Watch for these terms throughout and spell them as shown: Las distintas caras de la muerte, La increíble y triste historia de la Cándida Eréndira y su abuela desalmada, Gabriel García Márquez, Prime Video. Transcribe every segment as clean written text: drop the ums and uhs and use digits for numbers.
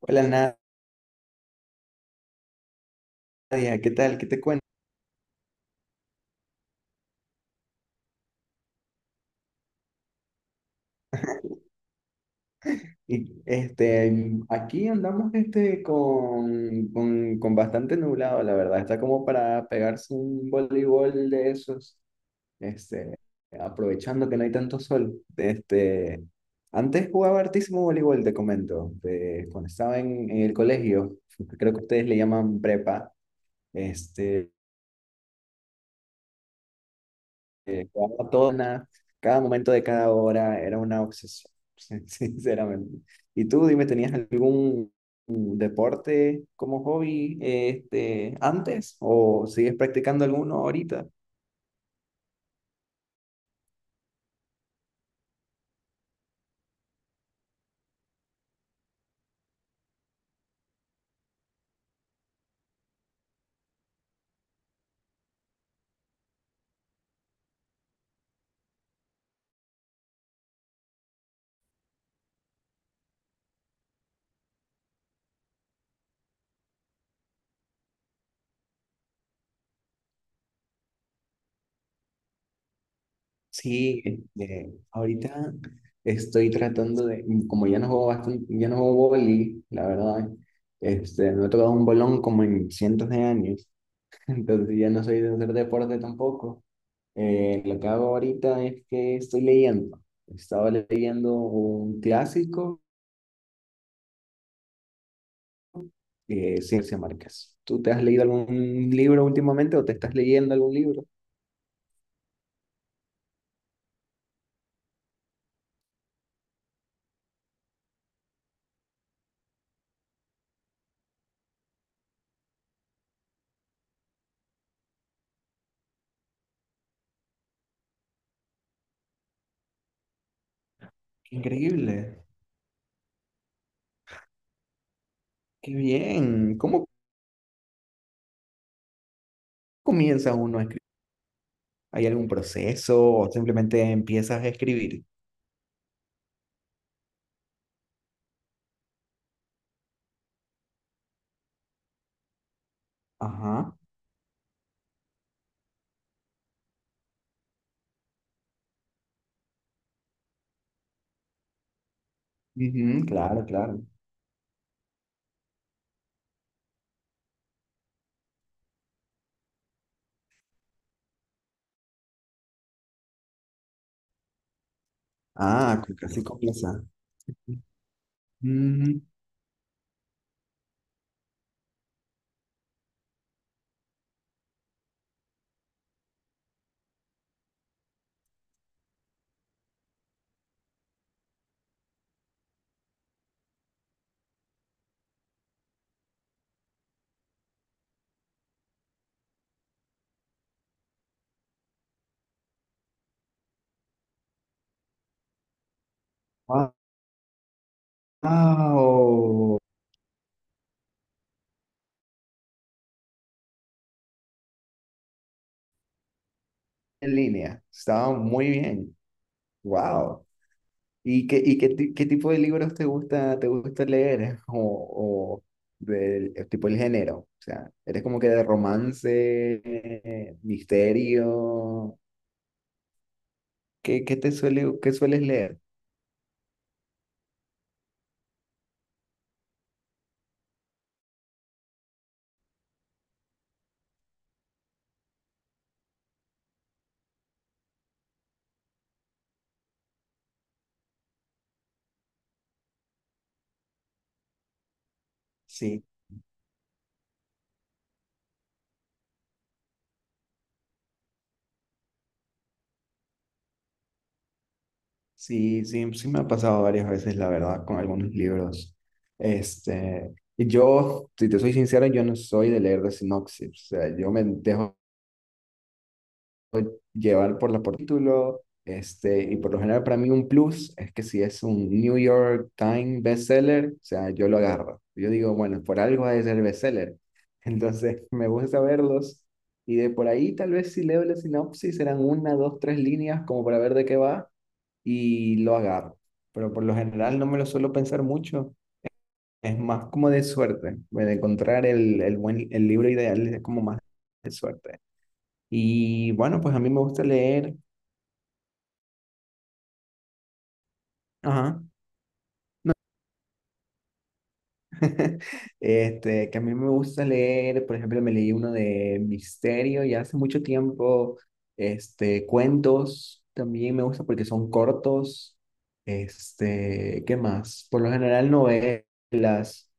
Hola Nadia, ¿qué tal? ¿Qué te cuento? Aquí andamos con bastante nublado, la verdad. Está como para pegarse un voleibol de esos, este, aprovechando que no hay tanto sol. Antes jugaba hartísimo voleibol, te comento, cuando estaba en el colegio, creo que ustedes le llaman prepa. Este, cada tona, cada momento de cada hora era una obsesión, sinceramente. Y tú, dime, ¿tenías algún deporte como hobby antes o sigues practicando alguno ahorita? Sí, ahorita estoy tratando de, como ya no juego bastante, ya no juego vóley, la verdad, no he tocado un bolón como en cientos de años. Entonces ya no soy de hacer deporte tampoco. Lo que hago ahorita es que estoy leyendo. Estaba leyendo un clásico de Ciencia Márquez. ¿Tú te has leído algún libro últimamente o te estás leyendo algún libro? Increíble, qué bien. ¿Cómo comienza uno a escribir? ¿Hay algún proceso o simplemente empiezas a escribir? Ajá, ujú, claro, claro. Ah, así comienza. Ujú. Guau, en línea. Estaba muy bien. Wow. Y qué, qué tipo de libros te gusta leer? O del el tipo, el género. O sea, ¿eres como que de romance, misterio? ¿Qué, qué te suele, qué sueles leer? Sí, sí, sí, sí, me ha pasado varias veces, la verdad, con algunos libros. Este, y yo, si te soy sincero, yo no soy de leer de sinopsis. O sea, yo me dejo llevar por la por título, y por lo general para mí un plus es que si es un New York Times bestseller, o sea, yo lo agarro. Yo digo, bueno, por algo ha de ser bestseller. Entonces, me gusta verlos y de por ahí tal vez si leo la sinopsis serán una, dos, tres líneas como para ver de qué va y lo agarro. Pero por lo general no me lo suelo pensar mucho. Es más como de suerte, de encontrar el libro ideal es como más de suerte. Y bueno, pues a mí me gusta leer. Ajá. Que a mí me gusta leer, por ejemplo, me leí uno de misterio, y hace mucho tiempo, cuentos también me gusta porque son cortos. ¿Qué más? Por lo general novelas,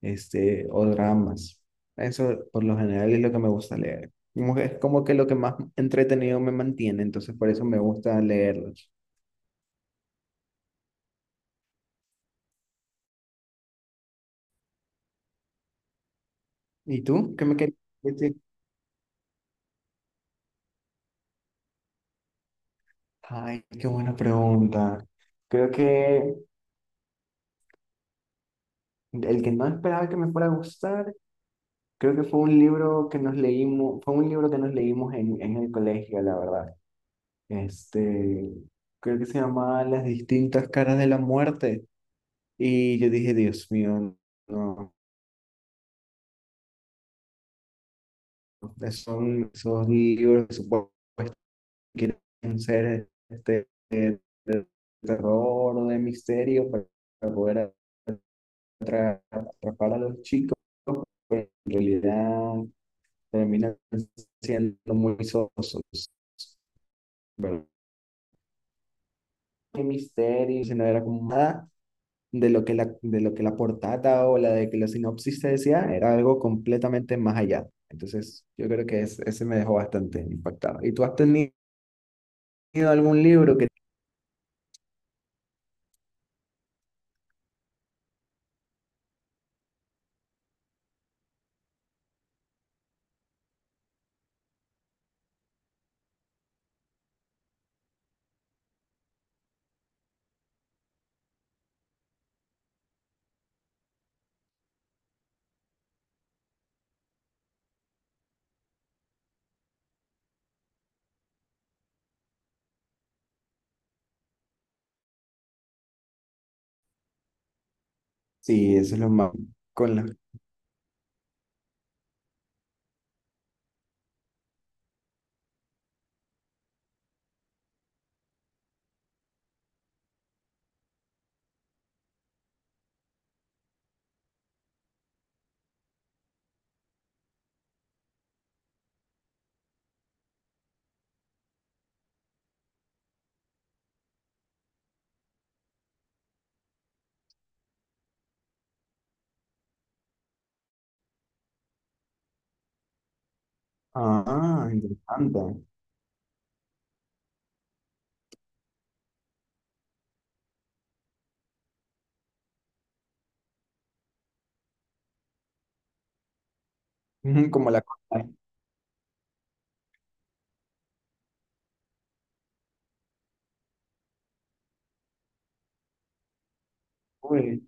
o dramas. Eso por lo general es lo que me gusta leer. Es como que lo que más entretenido me mantiene, entonces por eso me gusta leerlos. ¿Y tú? ¿Qué me querías? Ay, qué buena pregunta. Creo que el que no esperaba que me fuera a gustar, creo que fue un libro que nos leímos en el colegio, la verdad. Este, creo que se llamaba Las distintas caras de la muerte. Y yo dije, Dios mío, no, son esos libros que supongo que quieren ser de terror o de misterio para poder atrapa atrapar a los chicos, pero en realidad terminan siendo muy sosos, ¿verdad? El misterio, si no era como nada de lo que la, de lo que la portada o la de que la sinopsis te decía, era algo completamente más allá. Entonces, yo creo que ese me dejó bastante impactado. ¿Y tú has tenido algún libro que? Sí, eso es lo más... Con la... Ah, interesante. Ujú, como la... cosa. Uy,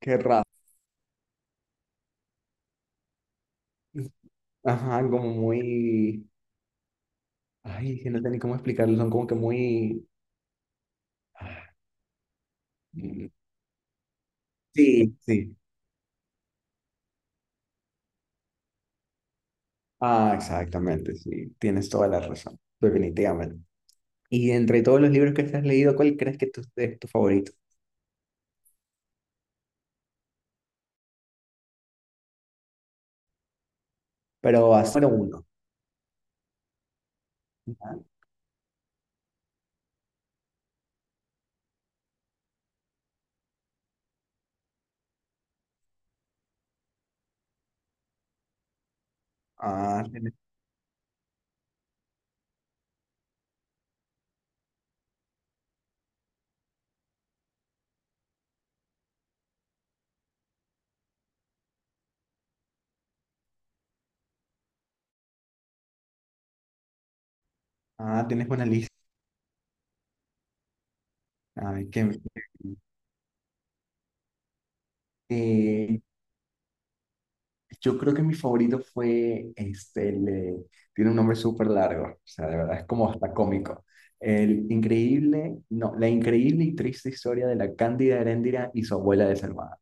qué raro. Ajá, como muy... Ay, que no sé ni cómo explicarlo, son como que muy... Mm, sí, sí. Ah, exactamente, sí. Tienes toda la razón, definitivamente. Y entre todos los libros que te has leído, ¿cuál crees que es tu favorito? Pero ah, solo uno. Ah, tienes, ah, tienes una lista. Ay, que, yo creo que mi favorito fue tiene un nombre súper largo, o sea, de verdad es como hasta cómico. El increíble, no, la increíble y triste historia de la Cándida Heréndira y su abuela desalmada.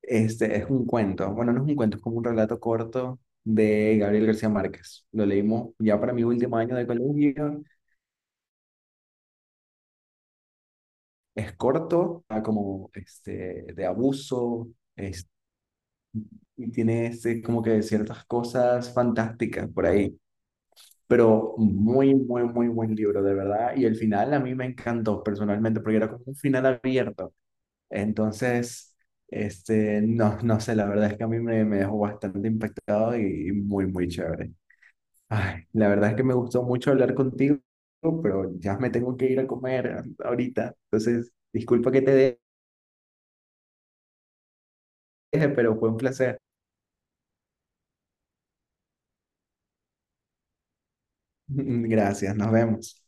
Este es un cuento, bueno, no es un cuento, es como un relato corto de Gabriel García Márquez. Lo leímos ya para mi último año de colegio. Es corto, está como de abuso, es- y tiene como que ciertas cosas fantásticas por ahí, pero muy, muy, muy buen libro, de verdad. Y el final a mí me encantó personalmente, porque era como un final abierto. Entonces, no, no sé, la verdad es que a mí me dejó bastante impactado y muy, muy chévere. Ay, la verdad es que me gustó mucho hablar contigo, pero ya me tengo que ir a comer ahorita. Entonces, disculpa que te deje, pero fue un placer. Gracias, nos vemos.